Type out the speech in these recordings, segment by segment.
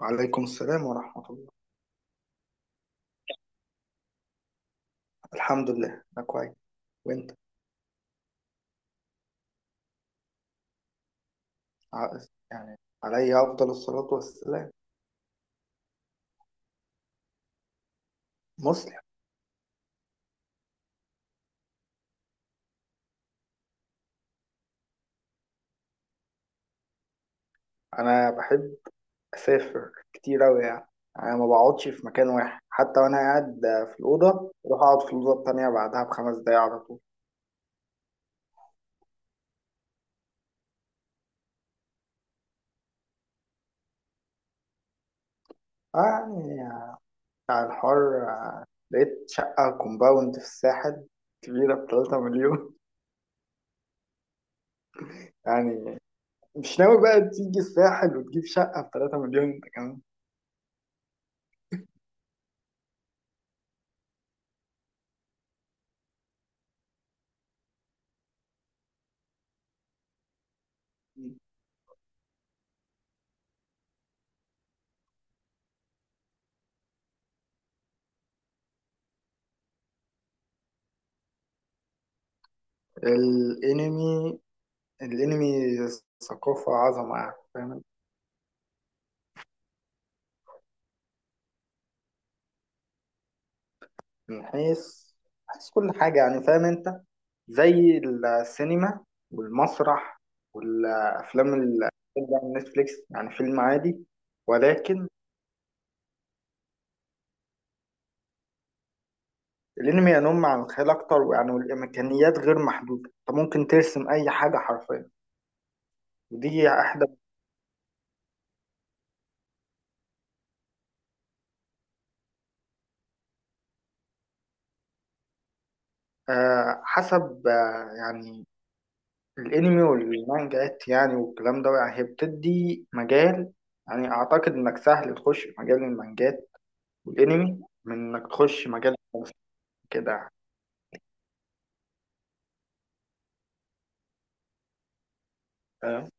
وعليكم السلام ورحمة الله. الحمد لله أنا كويس، وأنت؟ ع- يعني عليا أفضل الصلاة والسلام. مسلم. أنا بحب أسافر كتير أوي، يعني أنا ما بقعدش في مكان واحد، حتى وأنا قاعد في الأوضة أروح أقعد في الأوضة التانية بعدها بخمس دقايق على طول. يعني بتاع الحر، لقيت شقة كومباوند في الساحل كبيرة بتلاتة مليون. يعني مش ناوي بقى تيجي الساحل وتجيب شقة بتلاتة مليون أنت كمان؟ الانمي، الانمي ثقافة عظمة، يعني فاهم. من حيث كل حاجة، يعني فاهم انت، زي السينما والمسرح والافلام ال- على نتفليكس، يعني فيلم عادي. ولكن الانمي ينم عن الخيال اكتر، ويعني والامكانيات غير محدودة، انت ممكن ترسم اي حاجة حرفيا. ودي احدى. حسب، يعني الانمي والمانجات يعني والكلام ده، يعني هي بتدي مجال. يعني اعتقد انك سهل تخش في مجال المانجات والانمي، من انك تخش مجال الرسم كده. فاهم؟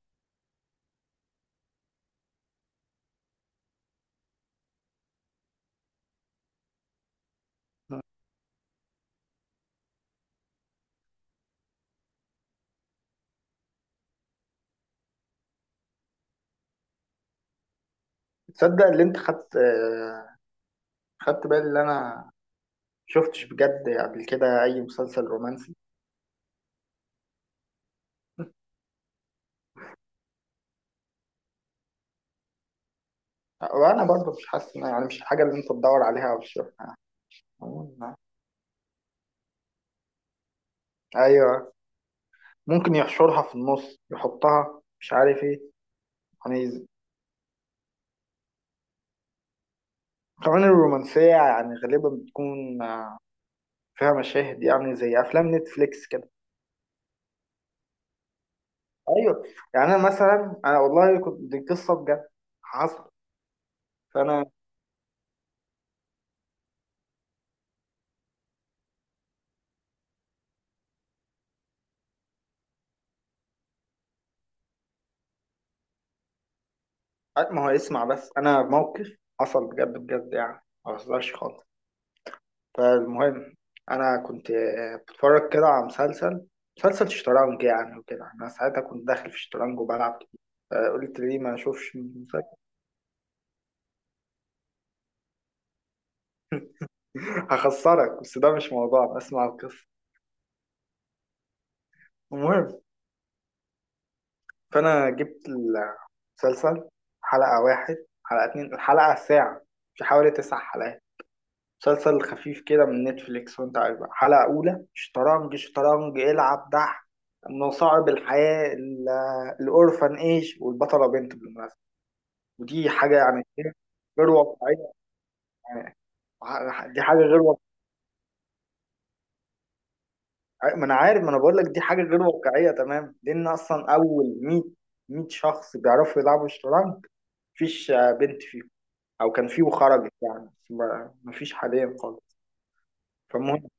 تصدق اللي انت خدت خدت بالي، اللي انا شفتش بجد قبل كده اي مسلسل رومانسي. وانا برضه مش حاسس يعني مش الحاجه اللي انت تدور عليها او تشوفها. ايوه، ممكن يحشرها في النص، يحطها مش عارف ايه. يعني كمان الرومانسيه يعني غالبا بتكون فيها مشاهد، يعني زي افلام نتفليكس كده. ايوه. يعني انا مثلا، انا والله كنت، دي قصه بجد حصل. فانا، ما هو اسمع بس، انا موقف حصل بجد بجد، يعني ما بهزرش خالص. فالمهم، انا كنت بتفرج كده على مسلسل شطرنج يعني وكده، انا ساعتها كنت داخل في شطرنج وبلعب كتير، فقلت ليه ما اشوفش المسلسل. هخسرك، بس ده مش موضوع، اسمع القصه. المهم، فانا جبت مسلسل، حلقة واحد، حلقة اتنين، الحلقة ساعة، في حوالي تسع حلقات، مسلسل خفيف كده من نتفليكس. وانت عارف بقى، حلقة أولى شطرنج، شطرنج، العب دح، مصاعب الحياة ال- الأورفن إيج، والبطلة بنت بالمناسبة. ودي حاجة يعني إيه؟ غير واقعية. يعني دي حاجة غير واقعية. ما أنا عارف، ما أنا بقول لك دي حاجة غير واقعية. تمام، لأن أصلا أول 100 100 شخص بيعرفوا يلعبوا شطرنج، مفيش بنت فيهم. او كان فيه وخرجت، يعني بس ما فيش حاليا خالص. فالمهم،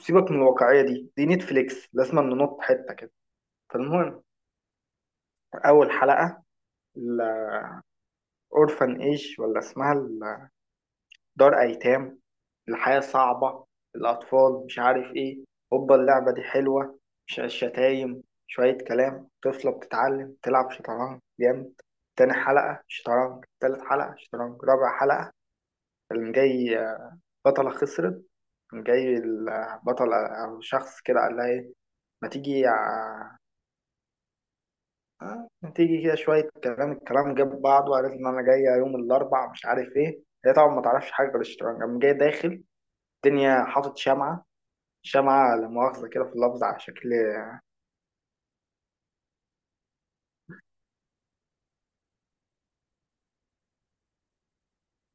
سيبك من الواقعيه دي، دي نتفليكس لازم ننط حته كده. فالمهم، اول حلقه، الاورفن ايج، ولا اسمها دار ايتام، الحياه صعبه، الاطفال مش عارف ايه، هوبا اللعبه دي حلوه، مش شتايم، شويه كلام، طفله بتتعلم تلعب شطرنج جامد. تاني حلقه شطرنج، تالت حلقه شطرنج، رابع حلقه اللي جاي بطله خسرت، جاي البطل أو شخص كده قال لها إيه، ما تيجي ع- ما تيجي كده، شوية كلام، الكلام جاب بعض، وقالت إن أنا جاية يوم الأربع مش عارف إيه. هي طبعا ما تعرفش حاجة غير الشطرنج، قام جاي داخل الدنيا حاطط شمعة، شمعة لا مؤاخذة كده في اللفظ على شكل.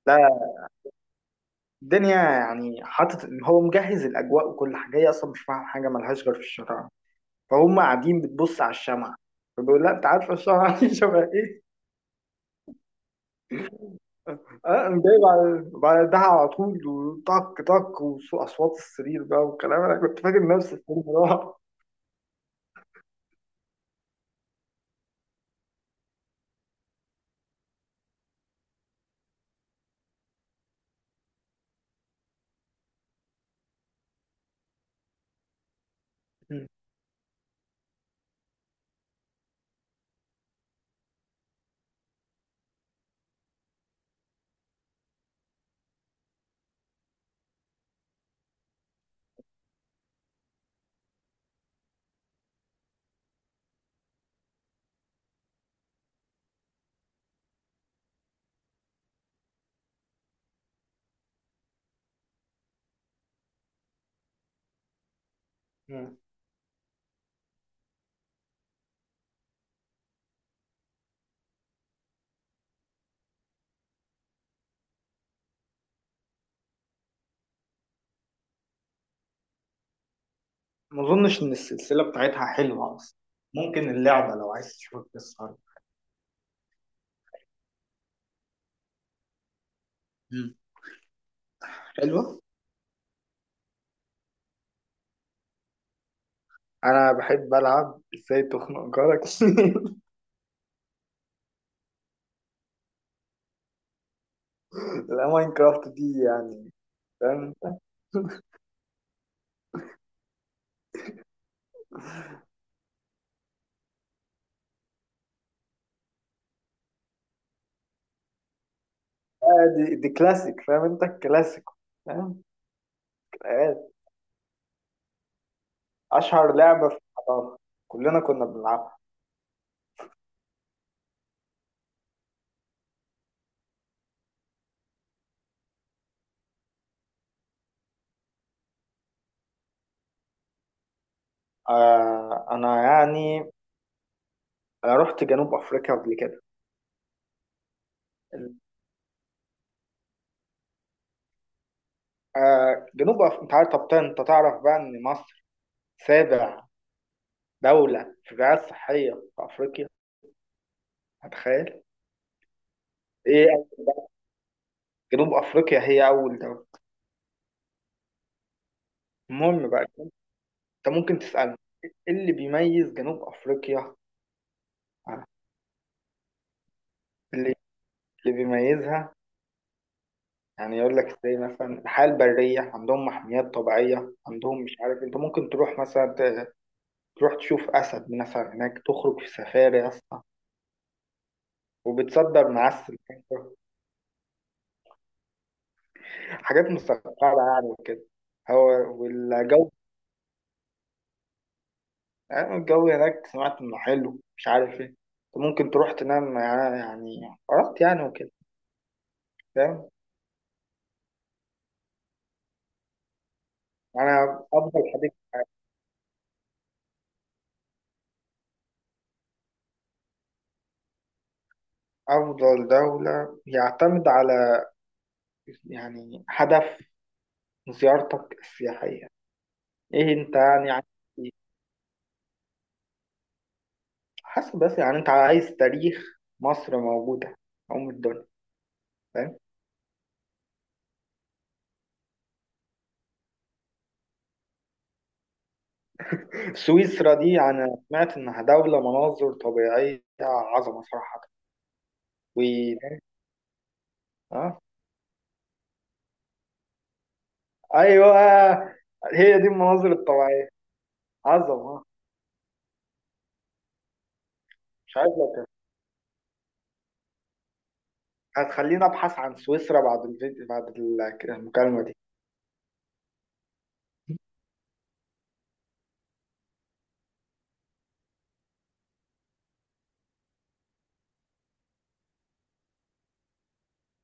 لا، الدنيا يعني حاطط إن هو مجهز الأجواء وكل حاجة، هي أصلا مش فاهم حاجة، ملهاش غير في الشطرنج. فهم قاعدين بتبص على الشمعة، فبيقول لا أنت عارفة الشمعة دي شبه إيه. اه، أنا جاي بعدها على طول، وطق طق، واصوات السرير بقى والكلام، انا كنت فاكر نفسي في الصراحه. مم. مم. ما اظنش ان السلسله بتاعتها حلوه اصلا، ممكن اللعبه لو عايز تشوف القصه. مم. حلوه. انا بحب العب ازاي تخنق جارك. لا، ماينكرافت دي يعني، فاهم. دي, دي كلاسيك، فاهم انت الكلاسيك، فاهم. آه، اشهر لعبه في الحضاره، كلنا كنا بنلعبها. آه، انا يعني انا رحت جنوب افريقيا قبل كده. انت عارف؟ طب انت تعرف بقى ان مصر سابع دولة في الرعاية الصحية في افريقيا؟ هتخيل. ايه، جنوب افريقيا هي اول دولة. المهم بقى، انت ممكن تسألني ايه اللي بيميز جنوب افريقيا. آه، اللي, اللي بيميزها، يعني يقول لك زي مثلا الحياة البرية عندهم، محميات طبيعية عندهم، مش عارف، انت ممكن تروح مثلا تروح تشوف اسد مثلا هناك، تخرج في سفاري يا اسطى، وبتصدر معسل. حاجات مستقرة يعني وكده. هو، والجو، يعني الجو هناك سمعت انه حلو، مش عارف ايه. أنت ممكن تروح تنام، يعني يعني قرأت يعني وكده، فاهم. انا افضل حديث. افضل دولة يعتمد على، يعني هدف زيارتك السياحية، ايه انت يعني عايز؟ إيه؟ حسب بس، يعني انت عايز تاريخ؟ مصر موجودة، ام الدنيا، فاهم. سويسرا دي انا سمعت انها دولة مناظر طبيعية عظمة صراحة. و... ايوه، هي دي المناظر الطبيعيه عظمه، مش عايز أقول. هتخليني ابحث عن سويسرا بعد الفيديو بعد المكالمه دي.